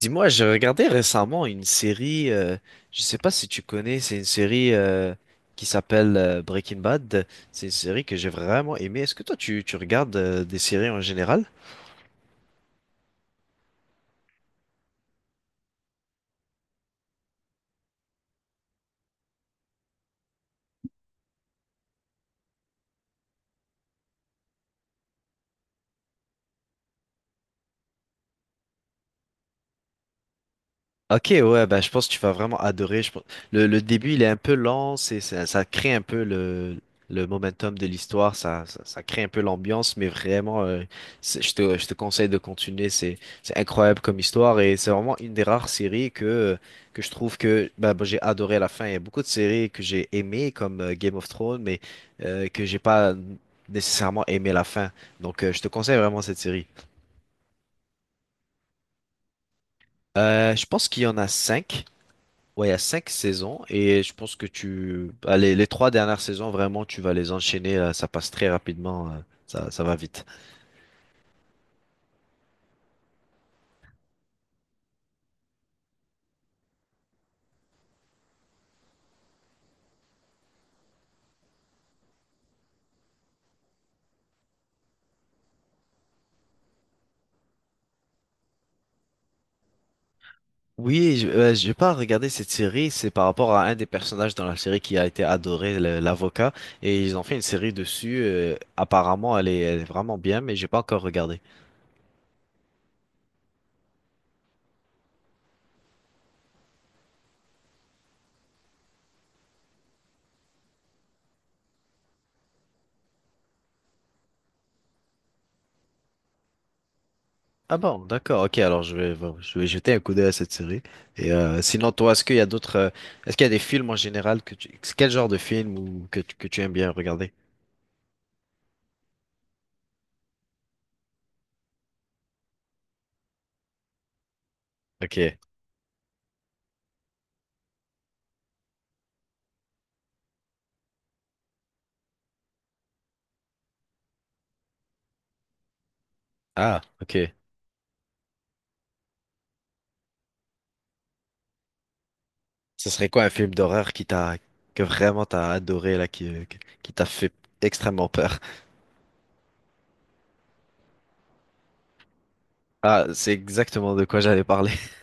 Dis-moi, j'ai regardé récemment une série, je sais pas si tu connais, c'est une série qui s'appelle Breaking Bad. C'est une série que j'ai vraiment aimée. Est-ce que toi, tu regardes des séries en général? Ok, ouais, bah, je pense que tu vas vraiment adorer. Je pense... le début, il est un peu lent, ça crée un peu le momentum de l'histoire, ça crée un peu l'ambiance, mais vraiment, je te conseille de continuer. C'est incroyable comme histoire et c'est vraiment une des rares séries que je trouve que j'ai adoré la fin. Il y a beaucoup de séries que j'ai aimées, comme Game of Thrones, mais que j'ai pas nécessairement aimé la fin. Donc, je te conseille vraiment cette série. Je pense qu'il y en a cinq. Ouais, il y a cinq saisons et je pense que les trois dernières saisons, vraiment, tu vas les enchaîner, là, ça passe très rapidement, ça va vite. Oui, j'ai pas regardé cette série, c'est par rapport à un des personnages dans la série qui a été adoré, l'avocat, et ils ont fait une série dessus, apparemment, elle est vraiment bien, mais j'ai pas encore regardé. Ah bon, d'accord, ok, alors bon, je vais jeter un coup d'œil à cette série. Et sinon, toi, est-ce qu'il y a d'autres, est-ce qu'il y a des films en général quel genre de film que tu aimes bien regarder? Ok. Ah, ok. Ce serait quoi un film d'horreur qui t'a que vraiment t'as adoré là, qui t'a fait extrêmement peur? Ah, c'est exactement de quoi j'allais parler.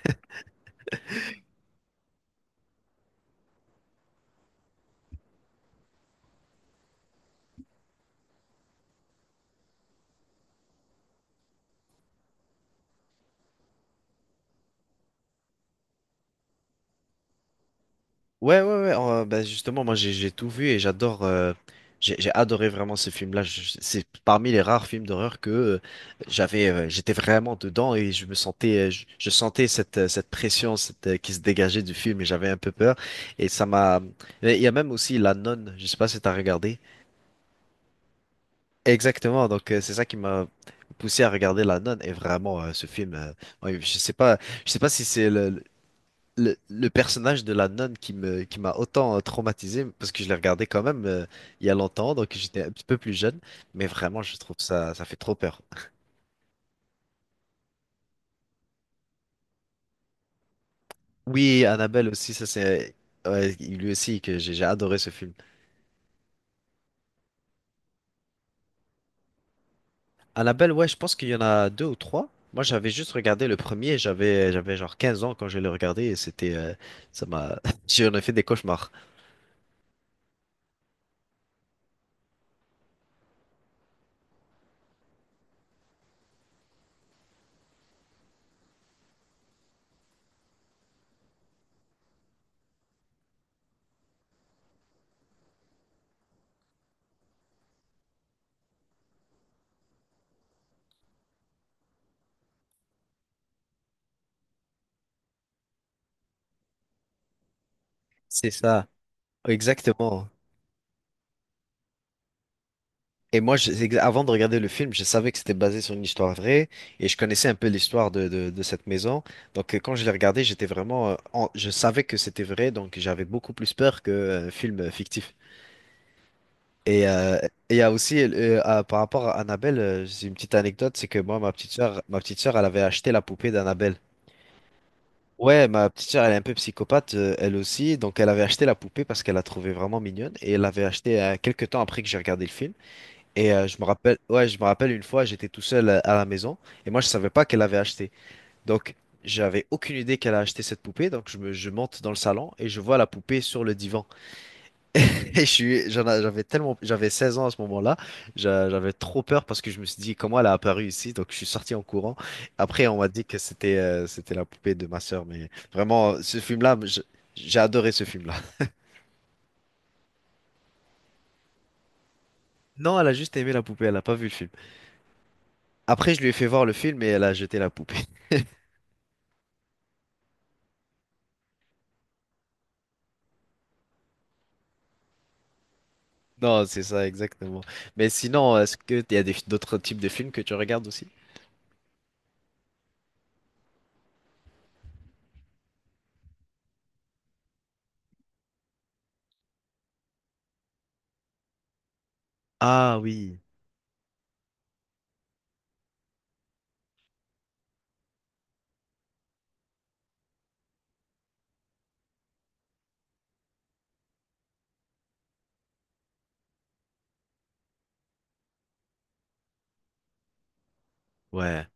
Ouais. Ben justement, moi j'ai tout vu et j'adore. J'ai adoré vraiment ce film-là. C'est parmi les rares films d'horreur que j'avais. J'étais vraiment dedans et je me sentais. Je sentais cette cette pression qui se dégageait du film et j'avais un peu peur. Et ça m'a. Il y a même aussi La Nonne. Je sais pas si t'as regardé. Exactement, donc c'est ça qui m'a poussé à regarder La Nonne et vraiment ce film, ouais, je sais pas si c'est le personnage de La Nonne qui m'a autant traumatisé parce que je l'ai regardé quand même il y a longtemps, donc j'étais un petit peu plus jeune, mais vraiment je trouve ça fait trop peur. Oui, Annabelle aussi, ça c'est ouais, lui aussi que j'ai adoré ce film. Annabelle, ouais, je pense qu'il y en a deux ou trois. Moi, j'avais juste regardé le premier, j'avais genre 15 ans quand je l'ai regardé et c'était ça m'a j'en ai fait des cauchemars. C'est ça, exactement. Et moi, avant de regarder le film, je savais que c'était basé sur une histoire vraie et je connaissais un peu l'histoire de cette maison. Donc, quand je l'ai regardé, j'étais vraiment, je savais que c'était vrai, donc j'avais beaucoup plus peur qu'un film fictif. Et euh, et il y a aussi, par rapport à Annabelle, c'est une petite anecdote, c'est que moi, ma petite sœur, elle avait acheté la poupée d'Annabelle. Ouais, ma petite sœur, elle est un peu psychopathe, elle aussi. Donc, elle avait acheté la poupée parce qu'elle la trouvait vraiment mignonne et elle l'avait achetée quelques temps après que j'ai regardé le film. Et je me rappelle une fois, j'étais tout seul à la maison et moi je savais pas qu'elle avait acheté. Donc j'avais aucune idée qu'elle a acheté cette poupée. Donc je monte dans le salon et je vois la poupée sur le divan. Et j'avais tellement, j'avais 16 ans à ce moment-là. J'avais trop peur parce que je me suis dit comment elle a apparu ici. Donc je suis sorti en courant. Après on m'a dit que c'était la poupée de ma sœur. Mais vraiment, j'ai adoré ce film-là. Non, elle a juste aimé la poupée. Elle a pas vu le film. Après je lui ai fait voir le film et elle a jeté la poupée. Non, c'est ça, exactement. Mais sinon, est-ce que il y a des- d'autres types de films que tu regardes aussi? Ah oui, ouais.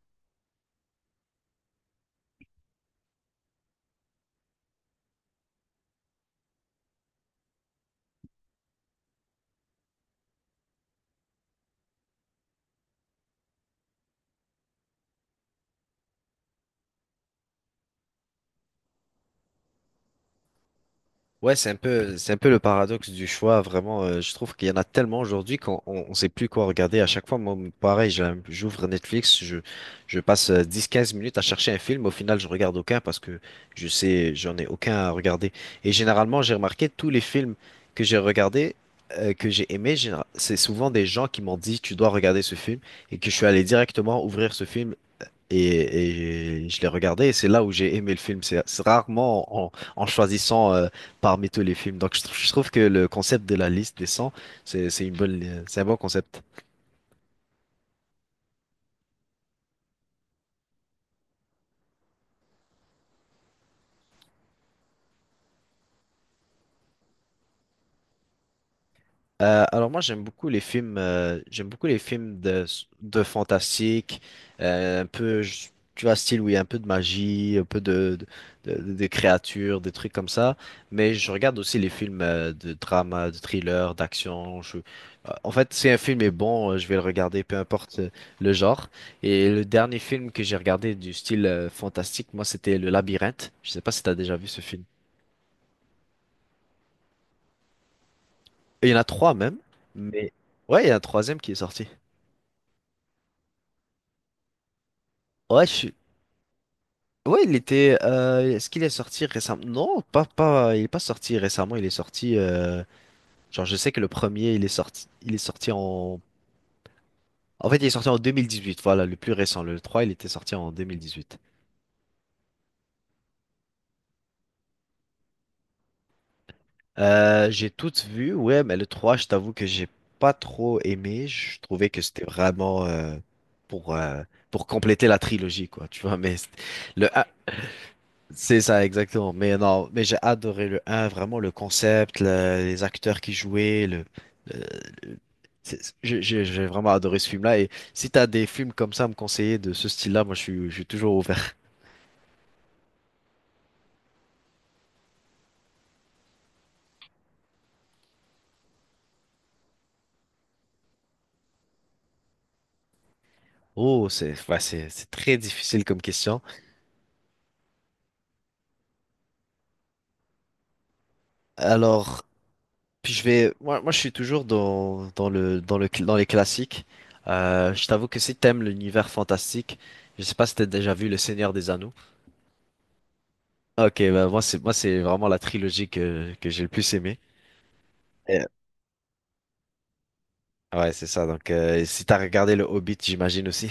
Ouais, c'est un peu le paradoxe du choix, vraiment. Je trouve qu'il y en a tellement aujourd'hui qu'on sait plus quoi regarder. À chaque fois, moi, pareil, j'ouvre Netflix, je passe dix, quinze minutes à chercher un film. Au final, je regarde aucun parce que j'en ai aucun à regarder. Et généralement, j'ai remarqué tous les films que j'ai regardés, que j'ai aimés, c'est souvent des gens qui m'ont dit, tu dois regarder ce film, et que je suis allé directement ouvrir ce film et je l'ai regardé, et c'est là où j'ai aimé le film. C'est rarement en choisissant parmi tous les films. Donc je trouve que le concept de la liste des 100, c'est une c'est un bon concept. Alors moi j'aime beaucoup les films j'aime beaucoup les films de fantastique euh, un peu je- tu vois style où il y a un peu de magie un peu de de créatures des trucs comme ça mais je regarde aussi les films de drama de thriller d'action en fait si un film est bon je vais le regarder peu importe le genre et le dernier film que j'ai regardé du style fantastique moi c'était Le Labyrinthe je sais pas si t'as déjà vu ce film il y en a trois même mais ouais il y a un troisième qui est sorti Ouais, je, Ouais, il était. Est-ce qu'il est sorti récemment? Non, pas, pas. Il est pas sorti récemment. Il est sorti. Genre, je sais que le premier, il est sorti. Il est sorti en. En fait, il est sorti en 2018. Voilà, le plus récent. Le 3 il était sorti en 2018. J'ai toutes vues. Ouais, mais le 3 je t'avoue que j'ai pas trop aimé. Je trouvais que c'était vraiment pour euh, pour compléter la trilogie, quoi. Tu vois, mais c't- le C'est ça, exactement. Mais non, mais j'ai adoré le un vraiment le concept, les acteurs qui jouaient, le- le- j'ai vraiment adoré ce film-là. Et si t'as des films comme ça à me conseiller de ce style-là, je suis toujours ouvert. Oh, c'est très difficile comme question. Alors, puis je vais, moi, moi je suis toujours dans les classiques. Je t'avoue que si t'aimes l'univers fantastique, je sais pas si t'as déjà vu Le Seigneur des Anneaux. Ok, bah moi c'est vraiment la trilogie que j'ai le plus aimé. Ouais, c'est ça. Donc, si t'as regardé le Hobbit, j'imagine aussi.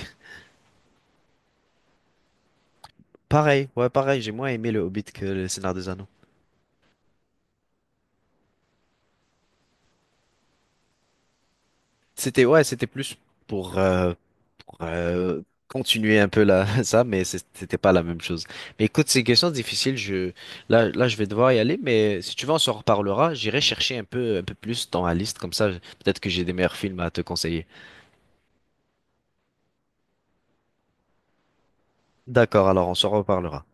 Pareil, ouais, pareil. J'ai moins aimé le Hobbit que le Seigneur des Anneaux. C'était plus pour, euh, pour, euh, continuer un peu là, ça, mais c'était pas la même chose. Mais écoute, c'est une question difficile. Je vais devoir y aller, mais si tu veux, on s'en reparlera. J'irai chercher un peu plus dans la liste, comme ça, peut-être que j'ai des meilleurs films à te conseiller. D'accord, alors on s'en reparlera.